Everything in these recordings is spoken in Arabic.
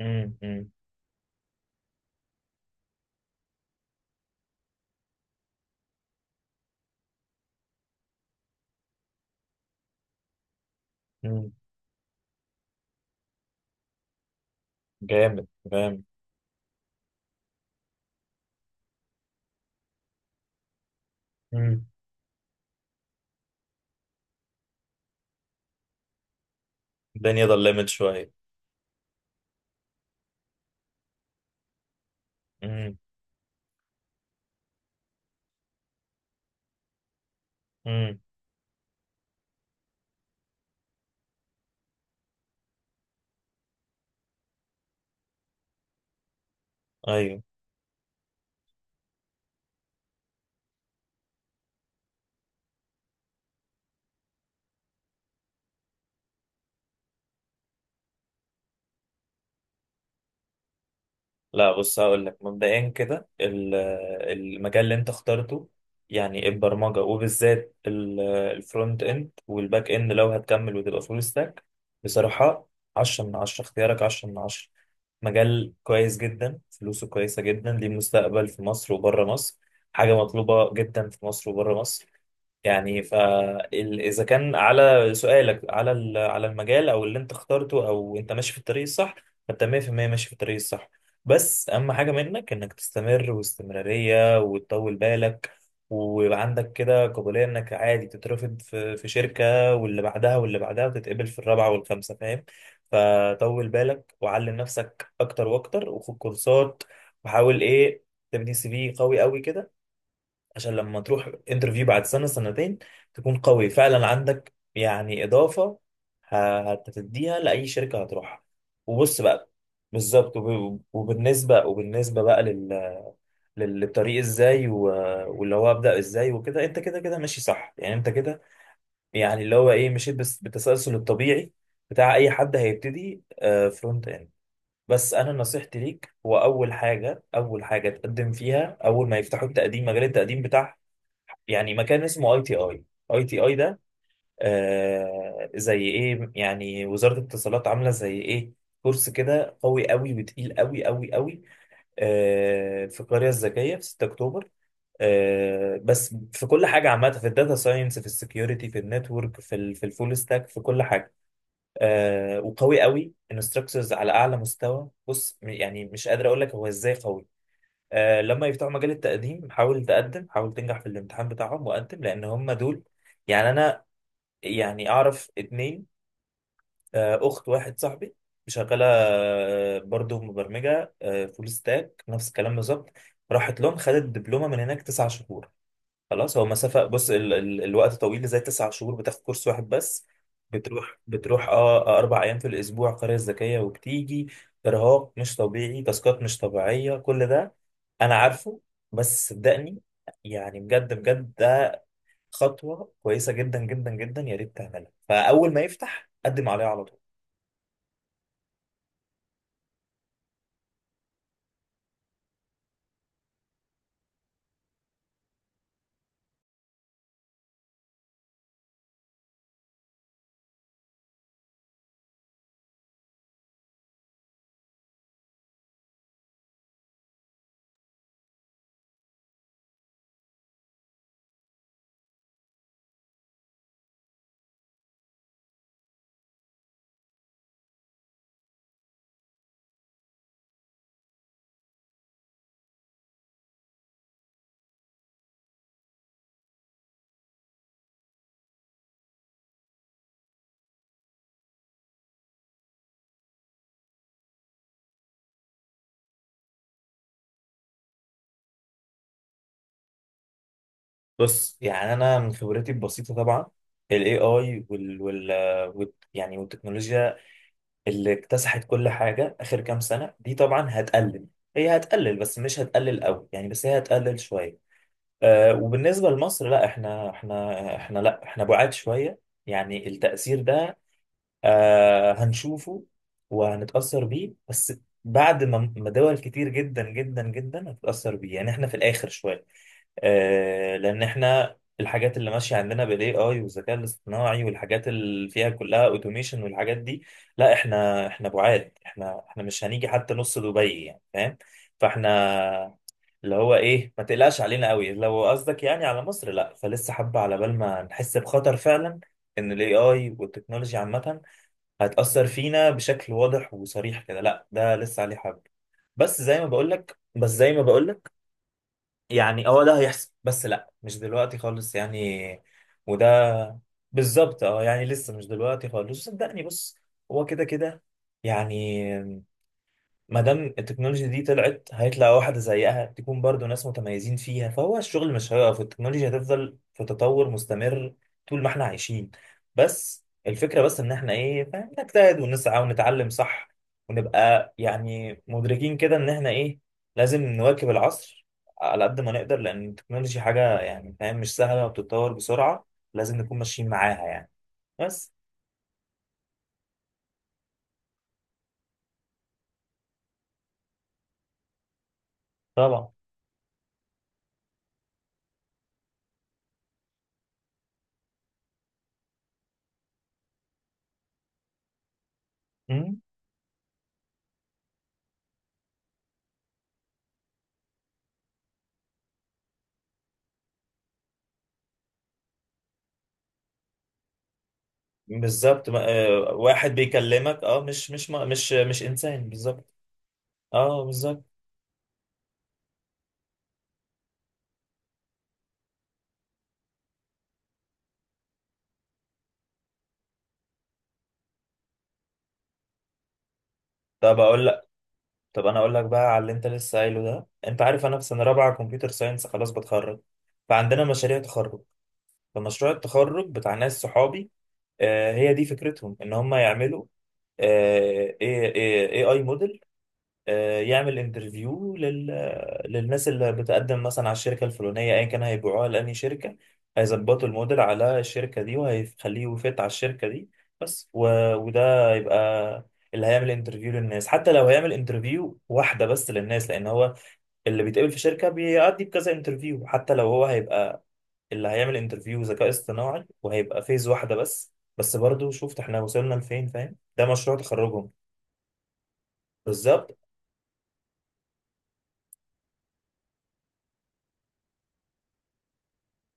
مم، مم، مم. جامد جامد. مم. الدنيا ظلمت شوية. مم، مم. أيوه. لا، بص، هقول لك مبدئيا كده. المجال اللي أنت اخترته، يعني البرمجة وبالذات الفرونت إند والباك إند، لو هتكمل وتبقى فول ستاك بصراحة عشرة من عشرة، اختيارك عشرة من عشرة. مجال كويس جدا، فلوسه كويسة جدا، ليه مستقبل في مصر وبره مصر، حاجة مطلوبة جدا في مصر وبره مصر. يعني فإذا كان على سؤالك على على المجال أو اللي أنت اخترته، أو أنت ماشي في الطريق الصح، فأنت 100% ماشي في الطريق الصح. بس أهم حاجة منك إنك تستمر، واستمرارية وتطول بالك، ويبقى عندك كده قابلية إنك عادي تترفض في شركة واللي بعدها واللي بعدها، وتتقبل في الرابعة والخامسة، فاهم؟ فطول بالك، وعلم نفسك أكتر وأكتر، وخد كورسات، وحاول إيه، تبني سي في قوي قوي كده، عشان لما تروح انترفيو بعد سنة سنتين تكون قوي فعلا، عندك يعني إضافة هتديها لأي شركة هتروحها. وبص بقى، بالظبط. وبالنسبة بقى للطريق، ازاي واللي هو أبدأ ازاي وكده؟ انت كده كده ماشي صح، يعني انت كده، يعني اللي هو ايه، مشيت بس بالتسلسل الطبيعي بتاع اي حد هيبتدي فرونت اند. بس انا نصيحتي ليك هو اول حاجة، اول حاجة تقدم فيها اول ما يفتحوا التقديم، مجال التقديم بتاعهم، يعني مكان اسمه اي تي اي. اي تي اي ده آه زي ايه يعني، وزارة الاتصالات عاملة زي ايه كورس كده قوي قوي وتقيل قوي قوي قوي. آه في القرية الذكية في 6 اكتوبر. آه، بس في كل حاجة عامة، في الداتا ساينس، في السكيورتي، في النتورك، في ال، في الفول ستاك، في كل حاجة. آه وقوي قوي، انستراكتورز على اعلى مستوى. بص يعني مش قادر اقول لك هو ازاي قوي. لما يفتحوا مجال التقديم حاول تقدم، حاول تنجح في الامتحان بتاعهم وقدم، لان هم دول. يعني انا يعني اعرف اتنين، اخت واحد صاحبي شغاله، برضه مبرمجه فول ستاك نفس الكلام بالظبط. راحت لهم خدت دبلومه من هناك 9 شهور. خلاص هو مسافة، بص ال الوقت طويل، زي 9 شهور بتاخد كورس واحد بس. بتروح اه 4 أيام في الأسبوع قرية ذكية وبتيجي. إرهاق مش طبيعي، تاسكات مش طبيعية كل ده، أنا عارفه، بس صدقني، يعني بجد بجد ده خطوة كويسة جدا جدا جدا، يا ريت تعملها. فأول ما يفتح قدم عليها على طول. بص يعني أنا من خبرتي البسيطة طبعا، ال AI وال يعني والتكنولوجيا اللي اكتسحت كل حاجة آخر كام سنة دي طبعا هتقلل. هي هتقلل بس مش هتقلل قوي يعني، بس هي هتقلل شوية. آه وبالنسبة لمصر، لا، احنا لا، احنا بعاد شوية. يعني التأثير ده آه هنشوفه وهنتأثر بيه، بس بعد ما دول كتير جدا جدا جدا هتتأثر بيه. يعني احنا في الآخر شوية. لان احنا الحاجات اللي ماشيه عندنا بالاي اي والذكاء الاصطناعي، والحاجات اللي فيها كلها اوتوميشن والحاجات دي، لا، احنا بعاد، احنا مش هنيجي حتى نص دبي يعني، فاهم؟ فاحنا اللي هو ايه، ما تقلقش علينا قوي، لو قصدك يعني على مصر. لا، فلسه حبه على بال ما نحس بخطر فعلا ان الاي اي والتكنولوجيا عامه هتاثر فينا بشكل واضح وصريح كده. لا، ده لسه عليه حبه. بس زي ما بقول لك، بس زي ما بقول لك، يعني اه ده هيحصل، بس لا مش دلوقتي خالص يعني. وده بالظبط، اه يعني لسه مش دلوقتي خالص، صدقني. بص هو كده كده يعني، ما دام التكنولوجيا دي طلعت، هيطلع واحدة زيها تكون برضو ناس متميزين فيها، فهو الشغل مش هيقف، التكنولوجيا هتفضل في تطور مستمر طول ما احنا عايشين. بس الفكرة بس ان احنا ايه، فاهم؟ نجتهد ونسعى ونتعلم صح، ونبقى يعني مدركين كده ان احنا ايه، لازم نواكب العصر على قد ما نقدر، لان التكنولوجيا حاجة يعني فاهم مش سهلة وبتتطور بسرعة، لازم نكون ماشيين معاها يعني بس. طبعا. بالظبط، واحد بيكلمك اه مش مش ما- مش مش انسان، بالظبط. اه بالظبط. طب اقول لك، طب اقول لك بقى على اللي انت لسه قايله ده. انت عارف انا في سنه رابعه كمبيوتر ساينس خلاص بتخرج، فعندنا مشاريع تخرج، فمشروع التخرج بتاع ناس صحابي، آه هي دي فكرتهم ان هم يعملوا آه اي اي موديل يعمل انترفيو للناس اللي بتقدم مثلا على الشركة الفلانية، ايا كان هيبيعوها لأني شركة، هيظبطوا الموديل على الشركة دي وهيخليه يفت على الشركة دي بس. وده يبقى اللي هيعمل انترفيو للناس، حتى لو هيعمل انترفيو واحدة بس للناس، لأن هو اللي بيتقبل في شركة بيعدي بكذا انترفيو، حتى لو هو هيبقى اللي هيعمل انترفيو ذكاء اصطناعي وهيبقى فيز واحدة بس برضو شفت احنا وصلنا لفين، فاهم؟ ده مشروع تخرجهم. بالظبط.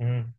مم.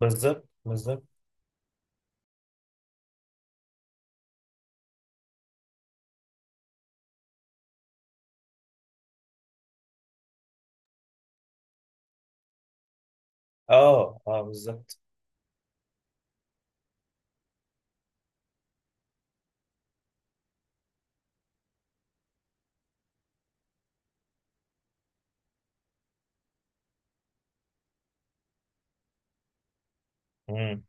بالظبط بالظبط. اه اه بالظبط. امم،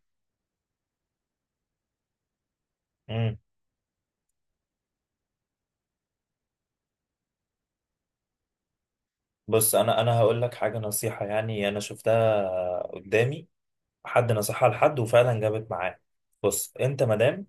امم. بص انا هقول لك حاجه، نصيحه يعني انا شفتها قدامي حد نصحها لحد وفعلا جابت معاه. بص انت مادام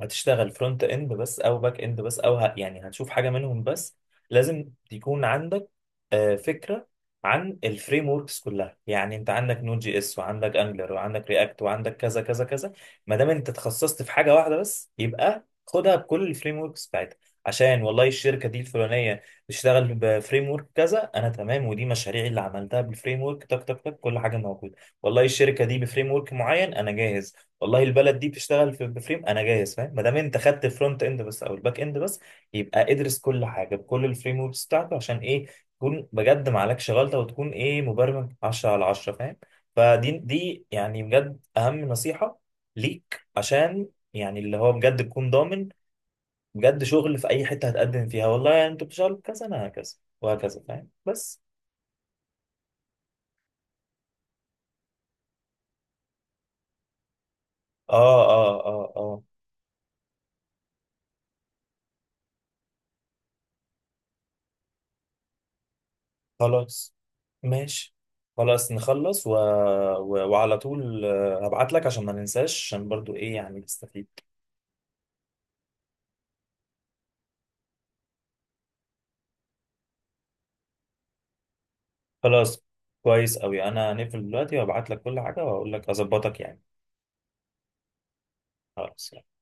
هتشتغل فرونت اند بس او باك اند بس يعني هتشوف حاجه منهم بس، لازم يكون عندك فكره عن الفريم وركس كلها، يعني انت عندك نود جي اس وعندك انجلر وعندك رياكت وعندك كذا كذا كذا. ما دام انت تخصصت في حاجه واحده بس، يبقى خدها بكل الفريم وركس بتاعتها، عشان والله الشركه دي الفلانيه بتشتغل بفريم ورك كذا انا تمام، ودي مشاريعي اللي عملتها بالفريم ورك تك تك تك كل حاجه موجوده، والله الشركه دي بفريم ورك معين انا جاهز، والله البلد دي بتشتغل في بفريم انا جاهز، فاهم؟ ما دام انت خدت الفرونت اند بس او الباك اند بس، يبقى ادرس كل حاجه بكل الفريم وركس بتاعته عشان ايه، تكون بجد ما عليكش غلطه، وتكون ايه، مبرمج 10 على 10، فاهم؟ فدي يعني بجد اهم نصيحه ليك، عشان يعني اللي هو بجد تكون ضامن بجد شغل في اي حته هتقدم فيها، والله يعني انتوا بتشتغلوا كذا انا هكذا وهكذا، فاهم؟ بس. اه اه اه آه. خلاص ماشي، خلاص نخلص وعلى طول هبعت لك عشان ما ننساش عشان برضو ايه يعني نستفيد. خلاص كويس قوي، انا هنقفل دلوقتي وابعت لك كل حاجة واقول لك اظبطك يعني. خلاص.